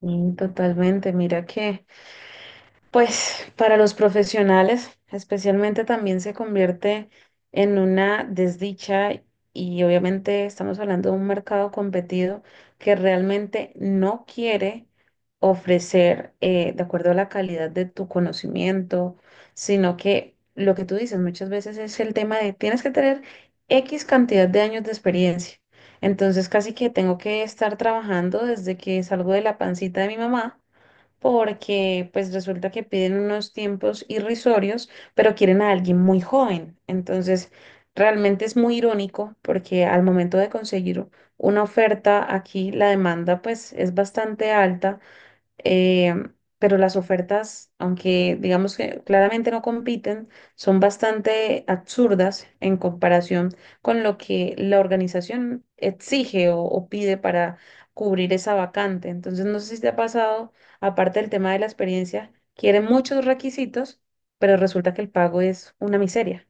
Sí, totalmente. Mira que, pues, para los profesionales, especialmente también se convierte en una desdicha y obviamente estamos hablando de un mercado competido que realmente no quiere ofrecer, de acuerdo a la calidad de tu conocimiento, sino que lo que tú dices muchas veces es el tema de tienes que tener X cantidad de años de experiencia. Entonces, casi que tengo que estar trabajando desde que salgo de la pancita de mi mamá porque pues resulta que piden unos tiempos irrisorios, pero quieren a alguien muy joven. Entonces, realmente es muy irónico porque al momento de conseguir una oferta aquí, la demanda pues es bastante alta, eh, pero las ofertas, aunque digamos que claramente no compiten, son bastante absurdas en comparación con lo que la organización exige o pide para cubrir esa vacante. Entonces, no sé si te ha pasado, aparte del tema de la experiencia, quieren muchos requisitos, pero resulta que el pago es una miseria.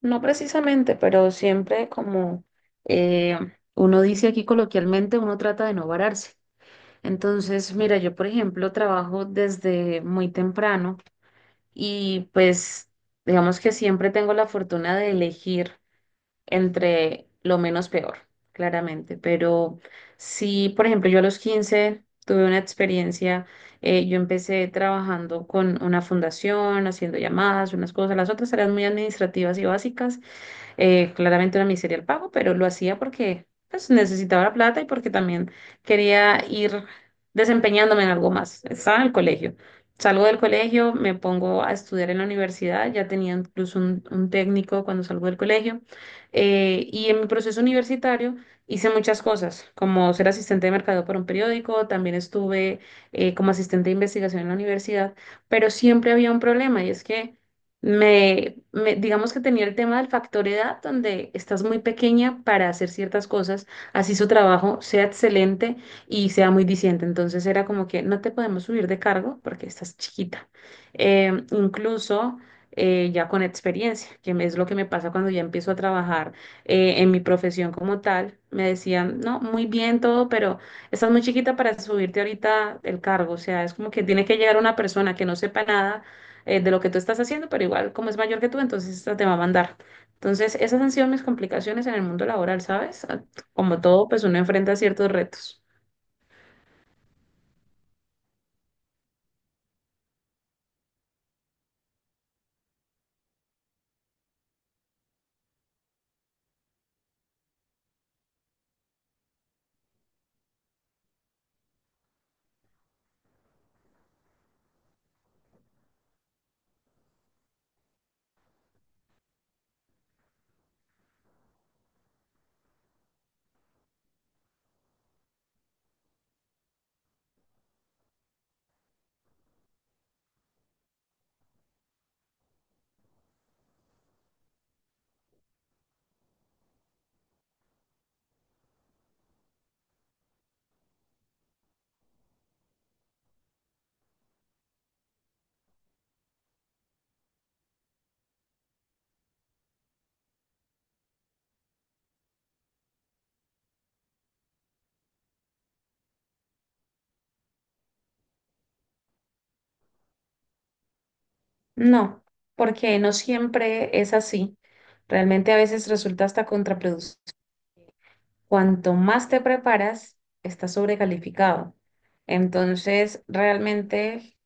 No precisamente, pero siempre como eh, uno dice aquí coloquialmente, uno trata de no vararse. Entonces, mira, yo por ejemplo trabajo desde muy temprano y pues digamos que siempre tengo la fortuna de elegir entre lo menos peor, claramente. Pero sí, por ejemplo, yo a los 15 tuve una experiencia, yo empecé trabajando con una fundación, haciendo llamadas, unas cosas, las otras eran muy administrativas y básicas, claramente una miseria el pago, pero lo hacía porque pues, necesitaba la plata y porque también quería ir desempeñándome en algo más. Estaba en el colegio. Salgo del colegio, me pongo a estudiar en la universidad, ya tenía incluso un técnico cuando salgo del colegio. Y en mi proceso universitario hice muchas cosas, como ser asistente de mercadeo para un periódico, también estuve, como asistente de investigación en la universidad, pero siempre había un problema y es que digamos que tenía el tema del factor edad, donde estás muy pequeña para hacer ciertas cosas, así su trabajo sea excelente y sea muy diciente. Entonces era como que no te podemos subir de cargo porque estás chiquita. Incluso, ya con experiencia, es lo que me pasa cuando ya empiezo a trabajar, en mi profesión como tal, me decían, no, muy bien todo, pero estás muy chiquita para subirte ahorita el cargo. O sea, es como que tiene que llegar una persona que no sepa nada, de lo que tú estás haciendo, pero igual como es mayor que tú, entonces esta te va a mandar. Entonces, esas han sido mis complicaciones en el mundo laboral, ¿sabes? Como todo, pues uno enfrenta ciertos retos. No, porque no siempre es así. Realmente a veces resulta hasta contraproducente. Cuanto más te preparas, estás sobrecalificado. Entonces, realmente,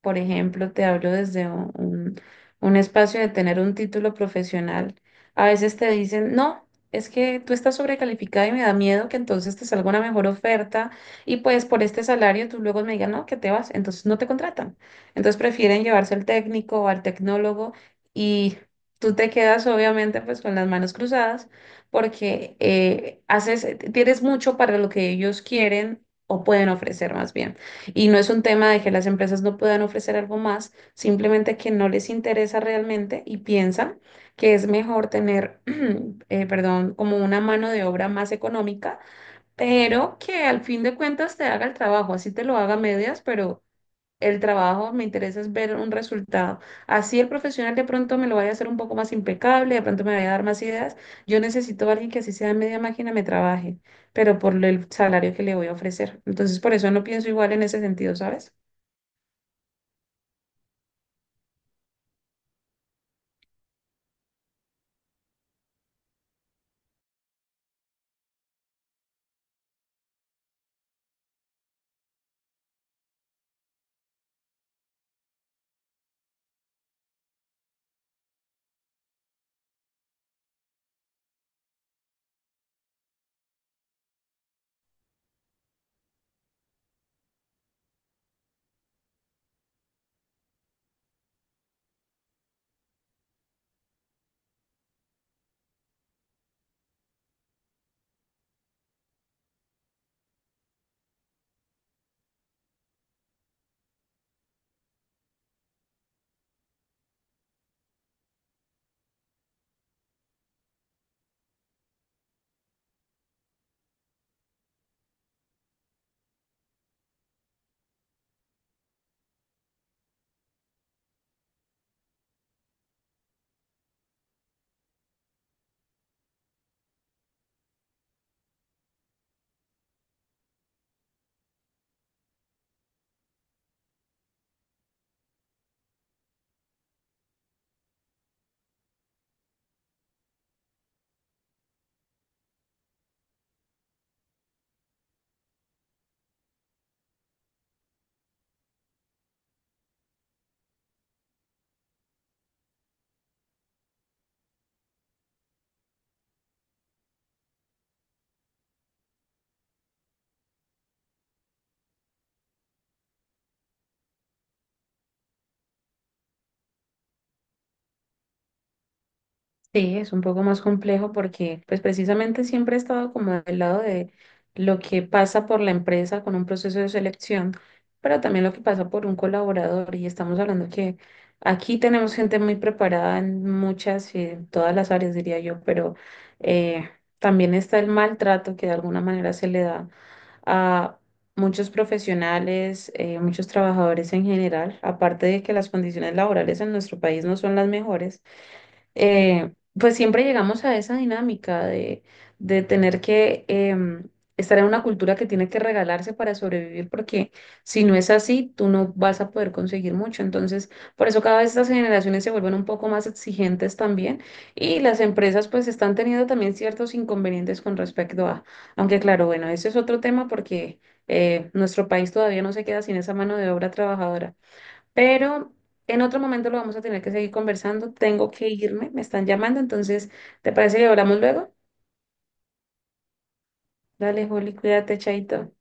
por ejemplo, te hablo desde un espacio de tener un título profesional. A veces te dicen, no, es que tú estás sobrecalificado y me da miedo que entonces te salga una mejor oferta y pues por este salario tú luego me digas, no, que te vas, entonces no te contratan. Entonces prefieren llevarse al técnico o al tecnólogo y tú te quedas obviamente pues con las manos cruzadas porque tienes mucho para lo que ellos quieren o pueden ofrecer más bien. Y no es un tema de que las empresas no puedan ofrecer algo más, simplemente que no les interesa realmente y piensan que es mejor tener, perdón, como una mano de obra más económica, pero que al fin de cuentas te haga el trabajo, así te lo haga a medias, pero el trabajo, me interesa es ver un resultado. Así el profesional de pronto me lo vaya a hacer un poco más impecable, de pronto me vaya a dar más ideas. Yo necesito a alguien que así sea media máquina me trabaje, pero por el salario que le voy a ofrecer. Entonces, por eso no pienso igual en ese sentido, ¿sabes? Sí, es un poco más complejo porque pues precisamente siempre he estado como del lado de lo que pasa por la empresa con un proceso de selección, pero también lo que pasa por un colaborador y estamos hablando que aquí tenemos gente muy preparada en muchas y en todas las áreas, diría yo, pero eh, también está el maltrato que de alguna manera se le da a muchos profesionales, muchos trabajadores en general, aparte de que las condiciones laborales en nuestro país no son las mejores, eh, pues siempre llegamos a esa dinámica de tener que em, estar en una cultura que tiene que regalarse para sobrevivir, porque si no es así, tú no vas a poder conseguir mucho. Entonces, por eso cada vez estas generaciones se vuelven un poco más exigentes también y las empresas pues están teniendo también ciertos inconvenientes con respecto a, aunque claro, bueno, ese es otro tema porque nuestro país todavía no se queda sin esa mano de obra trabajadora. Pero en otro momento lo vamos a tener que seguir conversando. Tengo que irme, me están llamando, entonces, ¿te parece que hablamos luego? Dale, Juli, cuídate, chaito.